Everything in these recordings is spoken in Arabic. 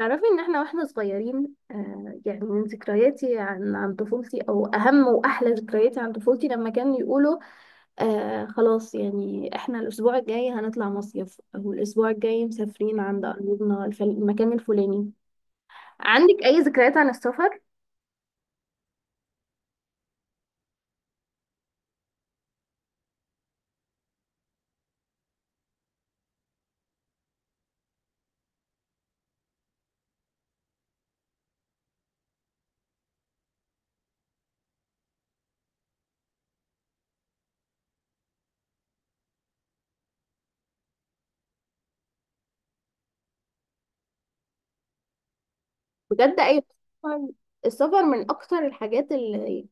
تعرفي ان احنا واحنا صغيرين يعني من ذكرياتي عن طفولتي او اهم واحلى ذكرياتي عن طفولتي لما كانوا يقولوا خلاص يعني احنا الاسبوع الجاي هنطلع مصيف او الاسبوع الجاي مسافرين عند قريبنا المكان الفلاني. عندك اي ذكريات عن السفر؟ بجد اي؟ طبعاً، السفر من اكتر الحاجات اللي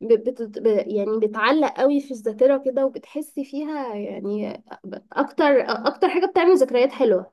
يعني بتعلق قوي في الذاكرة كده وبتحسي فيها، يعني اكتر حاجة بتعمل ذكريات حلوة.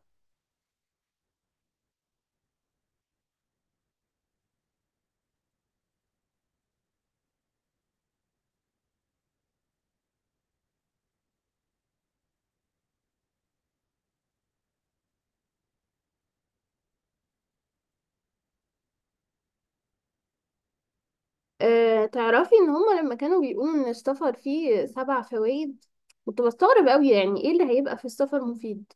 أه، تعرفي ان هما لما كانوا بيقولوا ان السفر فيه 7 فوائد كنت بستغرب قوي، يعني ايه اللي هيبقى في السفر مفيد.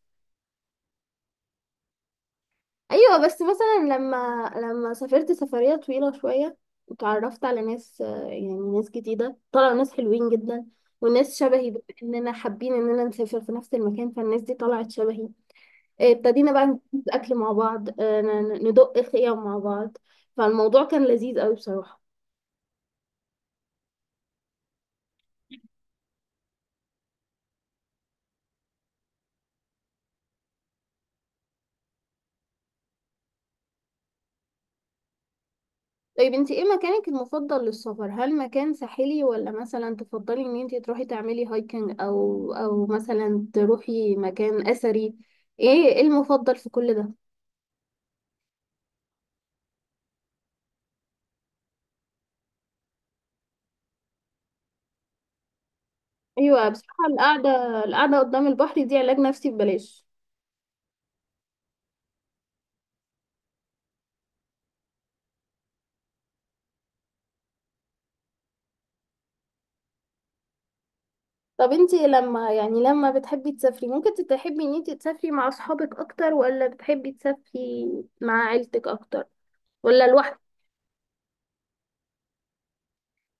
ايوه، بس مثلا لما سافرت سفرية طويلة شوية وتعرفت على ناس، يعني ناس جديدة طلعوا ناس حلوين جدا، وناس شبهي، بما اننا حابين اننا نسافر في نفس المكان فالناس دي طلعت شبهي. ابتدينا بقى نجيب اكل مع بعض، ندق خيام مع بعض، فالموضوع كان لذيذ قوي بصراحة. طيب، انت ايه مكانك المفضل للسفر؟ هل مكان ساحلي، ولا مثلا تفضلي ان انت تروحي تعملي هايكنج، او مثلا تروحي مكان اثري؟ ايه المفضل في كل ده؟ ايوه بصراحه القعده، القعده قدام البحر دي علاج نفسي ببلاش. طب انت لما لما بتحبي تسافري، ممكن تحبي ان انت تسافري مع اصحابك اكتر، ولا بتحبي تسافري مع عيلتك اكتر، ولا لوحدك؟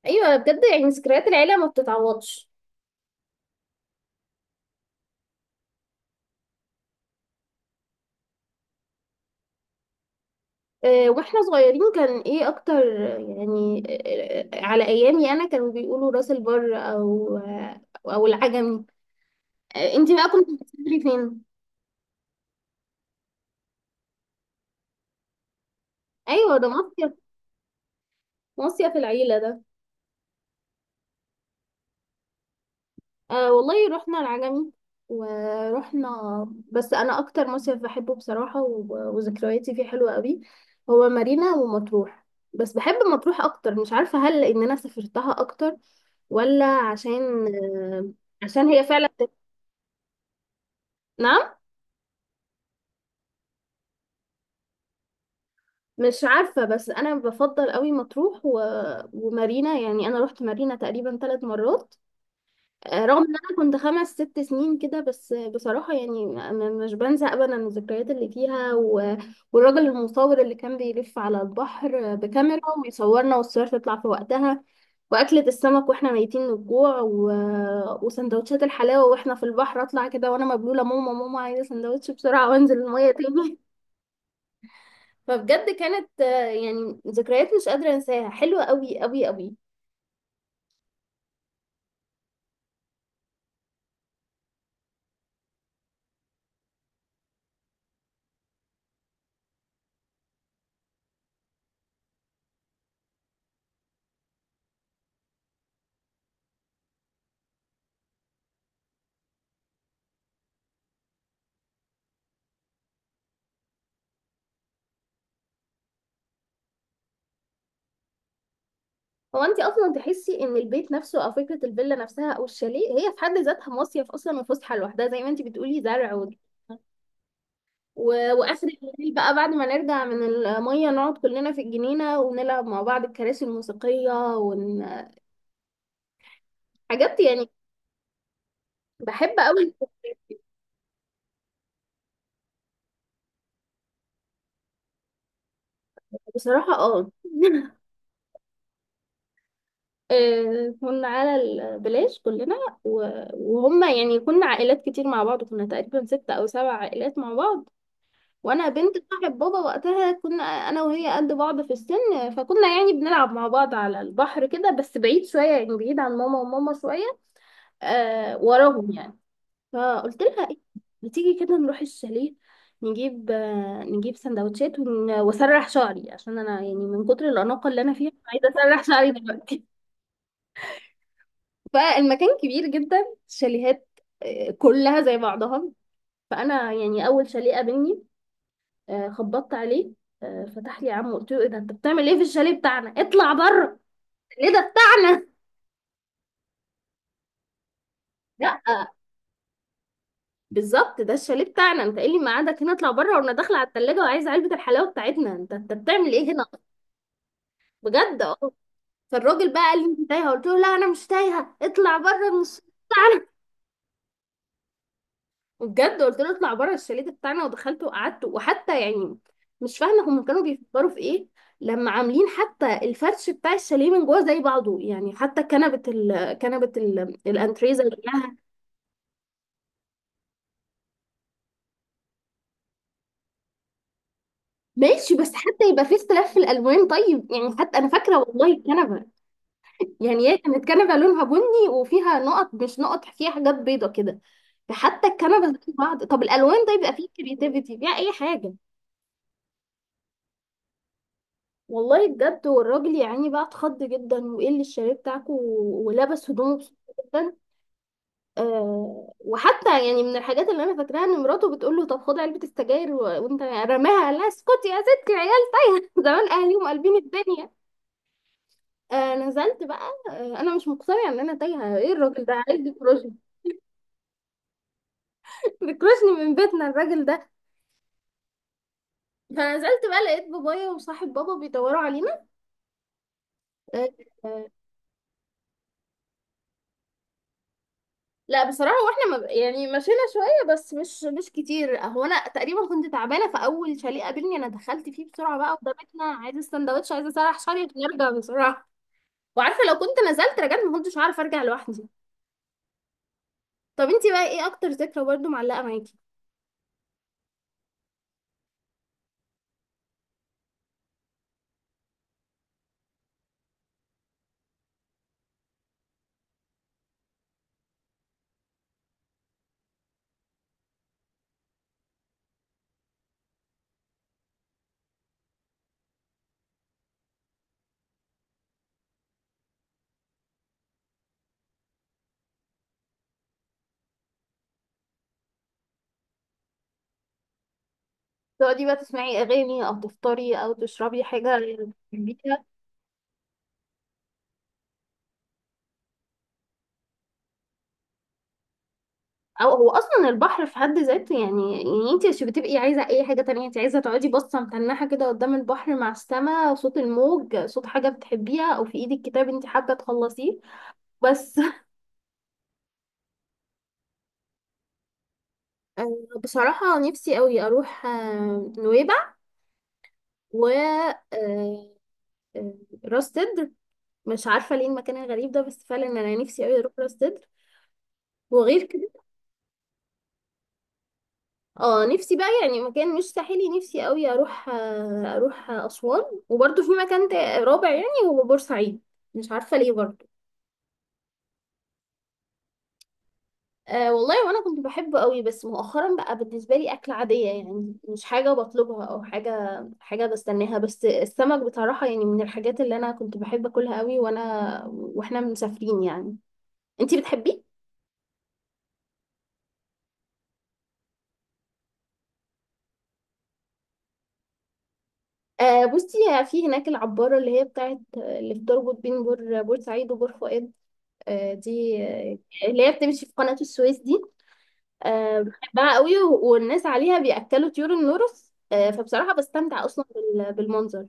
ايوه، بجد يعني ذكريات العيله ما بتتعوضش. واحنا صغيرين كان ايه اكتر، يعني، على ايامي انا كانوا بيقولوا راس البر، او العجمي. انتي بقى كنتي بتسافري فين؟ ايوه ده مصيف، مصيف العيله ده. والله رحنا العجمي، ورحنا. بس انا اكتر مصيف بحبه بصراحه وذكرياتي فيه حلوه قوي، هو مارينا ومطروح. بس بحب مطروح اكتر، مش عارفه هل ان انا سافرتها اكتر ولا عشان عشان هي فعلا. نعم، مش عارفة، بس أنا بفضل قوي مطروح ومارينا. يعني أنا روحت مارينا تقريبا 3 مرات، رغم إن أنا كنت 5 6 سنين كده، بس بصراحة يعني مش بنسى أبدا الذكريات اللي فيها والراجل المصور اللي كان بيلف على البحر بكاميرا ويصورنا والصور تطلع في وقتها، وأكلة السمك وإحنا ميتين من الجوع وسندوتشات الحلاوة وإحنا في البحر. أطلع كده وأنا مبلولة، ماما ماما عايزة سندوتش بسرعة وأنزل المية تاني. فبجد كانت، يعني ذكريات مش قادرة انساها، حلوة قوي قوي قوي. هو انت اصلا تحسي ان البيت نفسه، او فكرة الفيلا نفسها، او الشاليه، هي في حد ذاتها مصيف اصلا وفسحة لوحدها. زي ما انت بتقولي، زرع و... واخر الليل بقى بعد ما نرجع من المية نقعد كلنا في الجنينة ونلعب مع بعض الكراسي الموسيقية ون... حاجات يعني بحب قوي. بصراحة اه كنا على البلاج كلنا، وهم يعني كنا عائلات كتير مع بعض، كنا تقريبا 6 أو 7 عائلات مع بعض، وأنا بنت صاحب بابا وقتها كنا أنا وهي قد بعض في السن، فكنا يعني بنلعب مع بعض على البحر كده بس بعيد شوية، يعني بعيد عن ماما وماما شوية، آه وراهم يعني. فقلت لها إيه، ما تيجي كده نروح الشاليه نجيب، نجيب سندوتشات واسرح شعري، عشان انا يعني من كتر الاناقه اللي انا فيها عايزه اسرح شعري دلوقتي. فالمكان كبير جدا، شاليهات، كلها زي بعضها. فانا يعني اول شاليه قابلني، خبطت عليه، فتح لي عمه. قلت له ايه ده، انت بتعمل ايه في الشاليه بتاعنا، اطلع بره. ليه ده بتاعنا؟ لا، بالظبط ده الشاليه بتاعنا، انت ايه اللي ميعادك هنا، اطلع بره، وانا داخله على التلاجة وعايزه علبه الحلاوه بتاعتنا. انت بتعمل ايه هنا؟ بجد اه. فالراجل بقى قال لي انت تايهه، قلت له لا انا مش تايهه، اطلع بره من الشاليه. وبجد قلت له اطلع بره، الشاليه ده بتاعنا، ودخلت وقعدت، وحتى يعني مش فاهمه هم كانوا بيفكروا في ايه لما عاملين حتى الفرش بتاع الشاليه من جوه زي بعضه. يعني حتى كنبه الانتريه زي بعضها. ماشي، بس حتى يبقى في اختلاف في الالوان، طيب. يعني حتى انا فاكره، والله الكنبه، يعني هي كانت كنبه لونها بني وفيها نقط، مش نقط، فيها حاجات بيضه كده. حتى الكنبه زي بعض، طب الالوان ده يبقى فيه كرياتيفيتي فيها اي حاجه. والله بجد، والراجل يعني بقى اتخض جدا، وايه اللي الشاليه بتاعكوا، ولبس هدومه بسرعه جدا. آه، وحتى يعني من الحاجات اللي انا فاكراها ان مراته بتقول له طب خد علبه السجاير وانت رماها، لا اسكتي يا ستي العيال تايهه زمان اهاليهم قلبين الدنيا. آه، نزلت بقى. آه، انا مش مقتنعه ان انا تايهه، ايه الراجل ده عايز يكرشني؟ بيكرشني من بيتنا الراجل ده. فنزلت بقى لقيت بابايا وصاحب بابا بيدوروا علينا. آه. لا بصراحة، واحنا ما يعني مشينا شوية بس، مش كتير. هو انا تقريبا كنت تعبانة، في اول شاليه قابلني انا دخلت فيه بسرعة بقى، ودمتنا عايزة السندوتش، عايزة اسرح شعري عشان ارجع بسرعة. وعارفة لو كنت نزلت رجعت ما كنتش عارفة ارجع لوحدي. طب انتي بقى ايه اكتر ذكرى برضو معلقة معاكي؟ تقعدي بقى تسمعي اغاني، او تفطري، او تشربي حاجة بتحبيها، او هو اصلا البحر في حد ذاته، يعني يعني انت مش بتبقي عايزه اي حاجه تانية، انت عايزه تقعدي باصه متنحه كده قدام البحر، مع السماء، صوت الموج، صوت حاجه بتحبيها، او في ايدك كتاب انت حابه تخلصيه بس آه، بصراحه نفسي قوي اروح نويبع، و آه، آه، راس سدر. مش عارفه ليه المكان الغريب ده، بس فعلا انا نفسي قوي اروح راس سدر. وغير كده، اه نفسي بقى يعني مكان مش ساحلي، نفسي قوي اروح، اروح اسوان. وبرده في مكان رابع، يعني هو بورسعيد، مش عارفه ليه برضه. أه والله، وانا كنت بحبه قوي، بس مؤخرا بقى بالنسبه لي اكل عاديه، يعني مش حاجه بطلبها او حاجه بستناها، بس السمك بصراحه يعني من الحاجات اللي انا كنت بحب اكلها قوي، واحنا مسافرين يعني. انتي بتحبيه؟ أه بصي، في هناك العبارة اللي هي بتاعت اللي بتربط بين بورسعيد وبور فؤاد، آه، دي آه، اللي هي بتمشي في قناة السويس دي، بحبها قوي، والناس عليها بيأكلوا طيور النورس، فبصراحة بستمتع أصلا بالمنظر.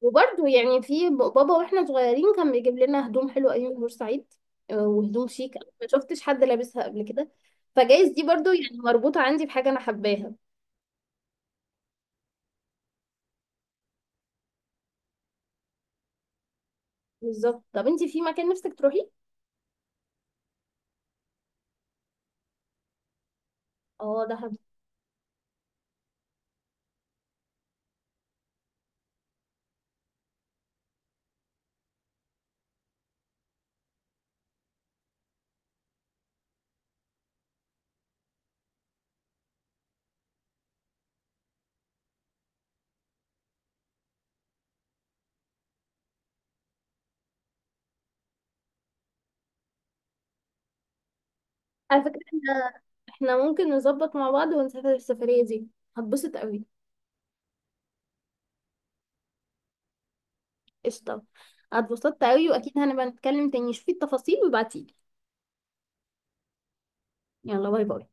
وبرده يعني في بابا واحنا صغيرين كان بيجيب لنا هدوم حلوة أيام بورسعيد، وهدوم شيك أنا ما شفتش حد لابسها قبل كده، فجايز دي برضو يعني مربوطة عندي بحاجة أنا حباها. بالظبط. طب انتي في مكان نفسك تروحي؟ اه دهب. على فكرة احنا، ممكن نظبط مع بعض ونسافر السفرية دي، هتبسط قوي. قشطة. اتبسطت قوي، واكيد هنبقى نتكلم تاني، شوفي التفاصيل وابعتيلي. يلا، باي باي.